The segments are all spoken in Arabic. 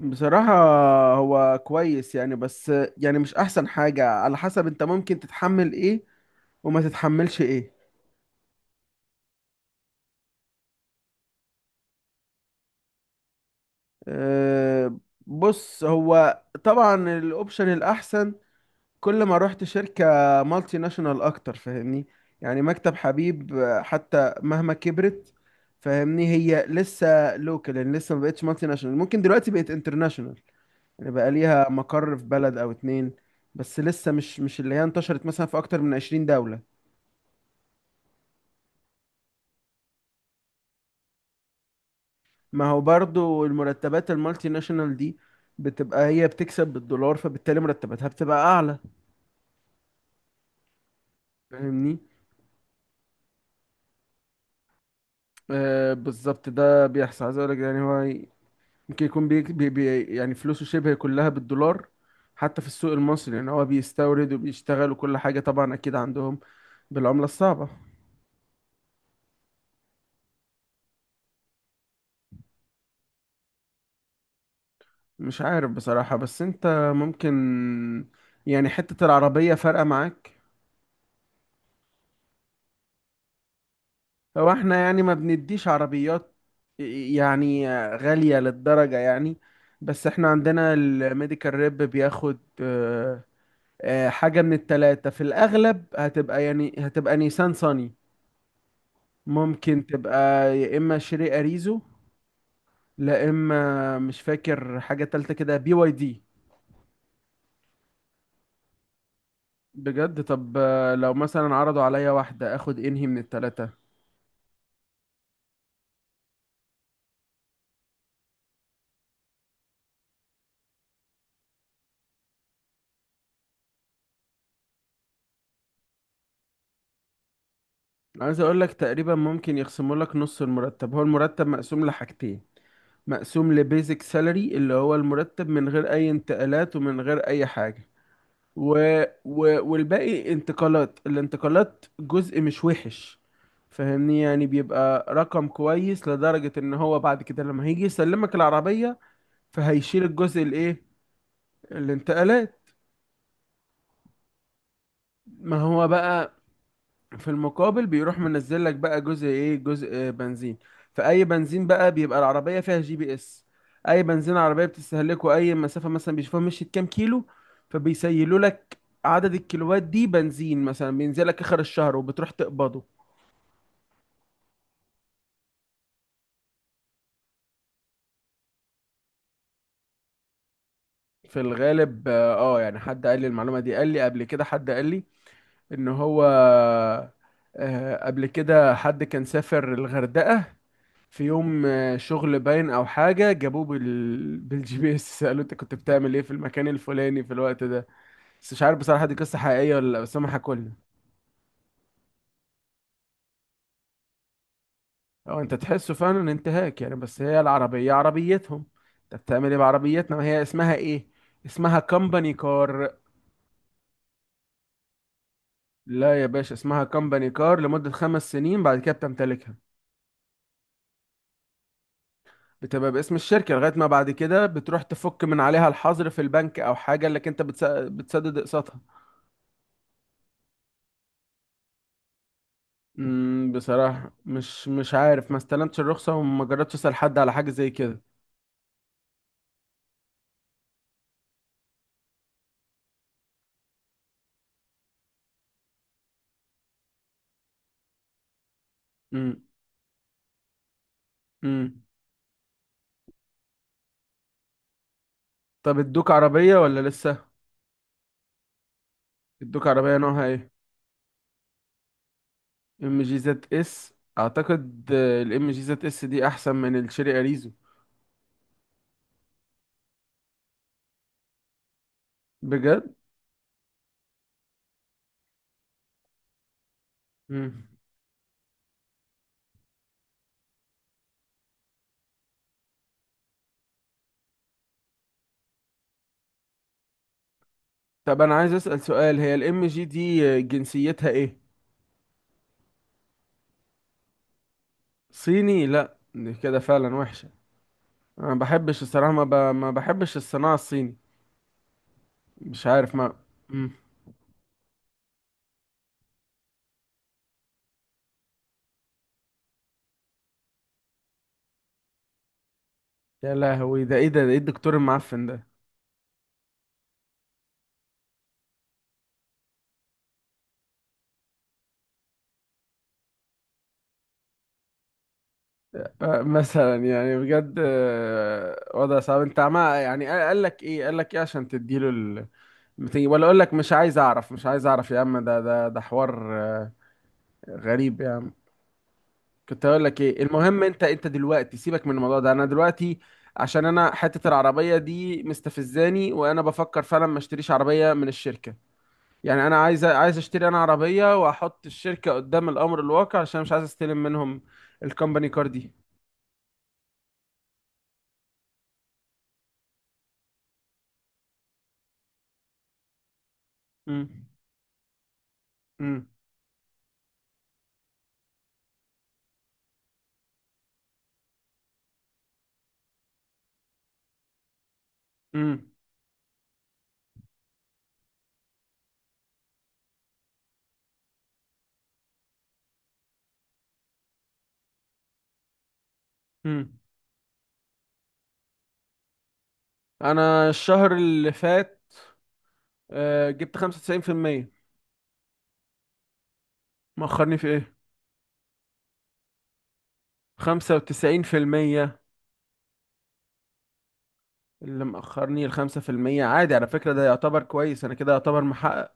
بصراحة هو كويس يعني بس يعني مش أحسن حاجة على حسب أنت ممكن تتحمل إيه وما تتحملش إيه. أه بص، هو طبعا الأوبشن الأحسن. كل ما رحت شركة مالتي ناشونال أكتر فاهمني. يعني مكتب حبيب حتى مهما كبرت فاهمني، هي لسه لوكال. يعني لسه ما بقتش مالتي ناشونال، ممكن دلوقتي بقت انترناشونال، يعني بقى ليها مقر في بلد أو اتنين. بس لسه مش اللي هي انتشرت مثلا في أكتر من 20 دولة. ما هو برضو المرتبات المالتي ناشونال دي بتبقى هي بتكسب بالدولار، فبالتالي مرتباتها بتبقى اعلى. فاهمني. آه بالظبط ده بيحصل. عايز اقول لك، يعني هو ممكن يكون بي بي بي، يعني فلوسه شبه كلها بالدولار، حتى في السوق المصري. يعني هو بيستورد وبيشتغل وكل حاجة، طبعا اكيد عندهم بالعملة الصعبة. مش عارف بصراحة، بس انت ممكن، يعني حتة العربية فارقة معاك. هو احنا يعني ما بنديش عربيات، يعني غالية للدرجة يعني. بس احنا عندنا الميديكال ريب بياخد حاجة من التلاتة. في الأغلب هتبقى، يعني هتبقى نيسان صني. ممكن تبقى يا إما شيري أريزو، لا إما مش فاكر حاجة تالتة كده، بي واي دي. بجد؟ طب لو مثلا عرضوا عليا واحدة اخد انهي من التلاتة؟ عايز اقول لك، تقريبا ممكن يخصموا لك نص المرتب. هو المرتب مقسوم لحاجتين: مقسوم لبيزك سالري اللي هو المرتب من غير اي انتقالات ومن غير اي حاجة، و... والباقي انتقالات. الانتقالات جزء مش وحش، فاهمني، يعني بيبقى رقم كويس لدرجة ان هو بعد كده لما هيجي يسلمك العربية فهيشيل الجزء الايه، الانتقالات. ما هو بقى في المقابل بيروح منزل لك بقى جزء ايه، جزء بنزين. فاي بنزين بقى، بيبقى العربيه فيها جي بي اس. اي بنزين عربيه بتستهلكه، اي مسافه مثلا بيشوفوها مشيت كام كيلو فبيسيلوا لك عدد الكيلوات دي بنزين، مثلا بينزل لك اخر الشهر وبتروح تقبضه. في الغالب اه، يعني حد قال لي المعلومه دي، قال لي قبل كده، حد قال لي ان هو قبل كده حد كان سافر الغردقة في يوم شغل باين او حاجة، جابوه بالجي بي اس سألوه انت كنت بتعمل ايه في المكان الفلاني في الوقت ده. بس مش عارف بصراحة دي قصة حقيقية ولا لا، بس هم حكوا لنا. اه انت تحسه فعلا انتهاك يعني، بس هي العربية عربيتهم. انت بتعمل ايه بعربيتنا؟ هي اسمها ايه؟ اسمها كمباني كار. لا يا باشا، اسمها كمباني كار لمدة خمس سنين، بعد كده بتمتلكها. بتبقى باسم الشركة لغاية ما بعد كده بتروح تفك من عليها الحظر في البنك أو حاجة، اللي انت بتسدد اقساطها. بصراحة مش عارف، ما استلمتش الرخصة وما جربتش أسأل حد على حاجة زي كده. امم امم طب ادوك عربية ولا لسه؟ ادوك عربية نوعها ايه؟ ام جي زد اس؟ اعتقد الام جي زد اس دي احسن من الشيري اريزو. بجد؟ امم طب انا عايز أسأل سؤال، هي الام جي دي جنسيتها ايه؟ صيني؟ لا دي كده فعلا وحشة. انا ما بحبش الصراحه، ما بحبش الصناعه الصيني. مش عارف ما. مم. يا لهوي ده ايه؟ ده ايه الدكتور المعفن ده؟ مثلا يعني بجد وضع صعب. انت عمال يعني قال لك ايه، قال لك ايه عشان تديله ال ولا اقول لك مش عايز اعرف، مش عايز اعرف يا عم، ده حوار غريب يا عم. كنت اقول لك ايه، المهم انت انت دلوقتي سيبك من الموضوع ده، انا دلوقتي عشان انا حتة العربية دي مستفزاني، وانا بفكر فعلا ما اشتريش عربية من الشركة. يعني انا عايز، عايز اشتري انا عربيه واحط الشركه قدام الامر الواقع، عشان مش عايز استلم منهم الكومباني كار دي. امم امم امم امم انا الشهر اللي فات جبت 95%. مأخرني في ايه؟ 95%؟ اللي مأخرني ال 5%؟ عادي على فكرة، ده يعتبر كويس، انا كده يعتبر محقق.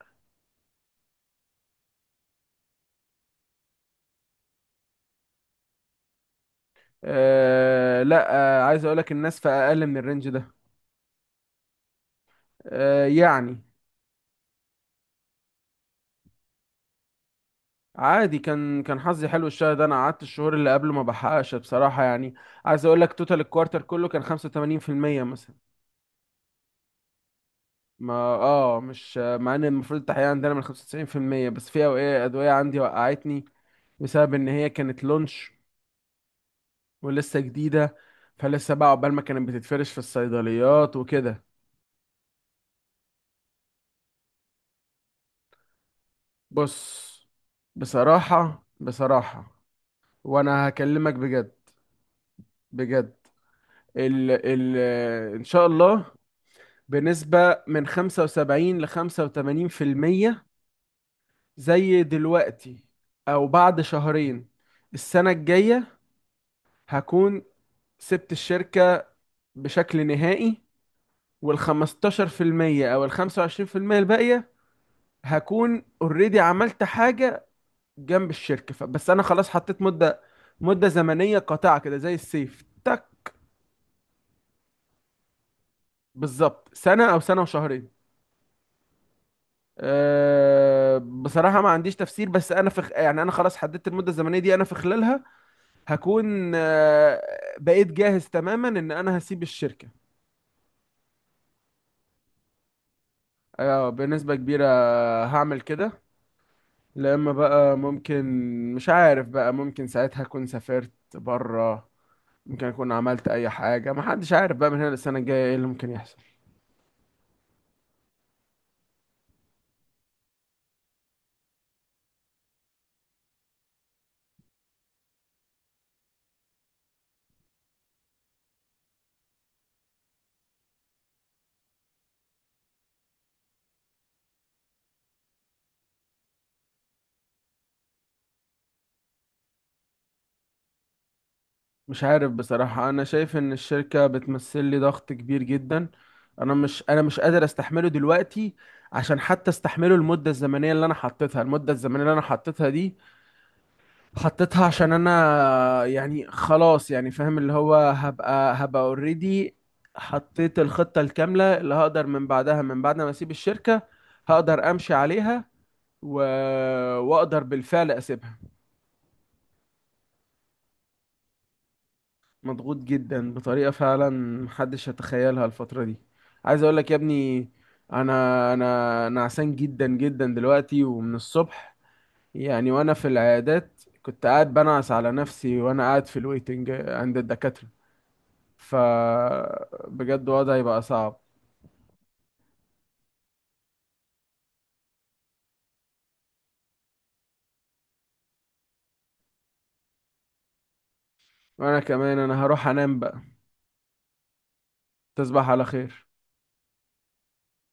أه لا، عايز اقولك الناس في اقل من الرينج ده. أه يعني عادي، كان كان حظي حلو الشهر ده. انا قعدت الشهور اللي قبله ما بحققش بصراحه، يعني عايز اقول لك توتال الكوارتر كله كان 85% مثلا. ما اه، مش مع ان المفروض التحقيق عندنا من 95%، بس في اوقات ادويه عندي وقعتني بسبب ان هي كانت لونش ولسه جديده، فلسه بقى عقبال ما كانت بتتفرش في الصيدليات وكده. بص بصراحه بصراحه، وانا هكلمك بجد بجد، ال ال ان شاء الله بنسبة من 75 ل 85%، زي دلوقتي أو بعد شهرين، السنة الجاية هكون سبت الشركة بشكل نهائي. وال 15% أو ال 25% الباقية هكون اوريدي عملت حاجة جنب الشركة بس أنا خلاص حطيت مدة، مدة زمنية قاطعة كده زي السيف تك. بالظبط سنة أو سنة وشهرين. أه بصراحة ما عنديش تفسير، بس أنا يعني أنا خلاص حددت المدة الزمنية دي، أنا في خلالها هكون بقيت جاهز تماما ان انا هسيب الشركة. بنسبة كبيرة هعمل كده. لا اما بقى ممكن، مش عارف بقى، ممكن ساعتها اكون سافرت بره، ممكن اكون عملت اي حاجة. ما حدش عارف بقى من هنا للسنة الجاية ايه اللي ممكن يحصل. مش عارف بصراحة، انا شايف ان الشركة بتمثل لي ضغط كبير جدا. انا مش، انا مش قادر استحمله دلوقتي. عشان حتى استحمله المدة الزمنية اللي انا حطيتها، المدة الزمنية اللي انا حطيتها دي حطيتها عشان انا يعني خلاص، يعني فاهم اللي هو، هبقى اوريدي حطيت الخطة الكاملة اللي هقدر من بعدها، من بعد ما اسيب الشركة هقدر امشي عليها و... واقدر بالفعل اسيبها. مضغوط جدا بطريقة فعلا محدش يتخيلها الفترة دي. عايز اقول لك يا ابني، انا انا نعسان جدا جدا دلوقتي ومن الصبح. يعني وانا في العيادات كنت قاعد بنعس على نفسي وانا قاعد في الويتنج عند الدكاترة، فبجد وضعي بقى صعب. وانا كمان انا هروح انام بقى. تصبح على خير.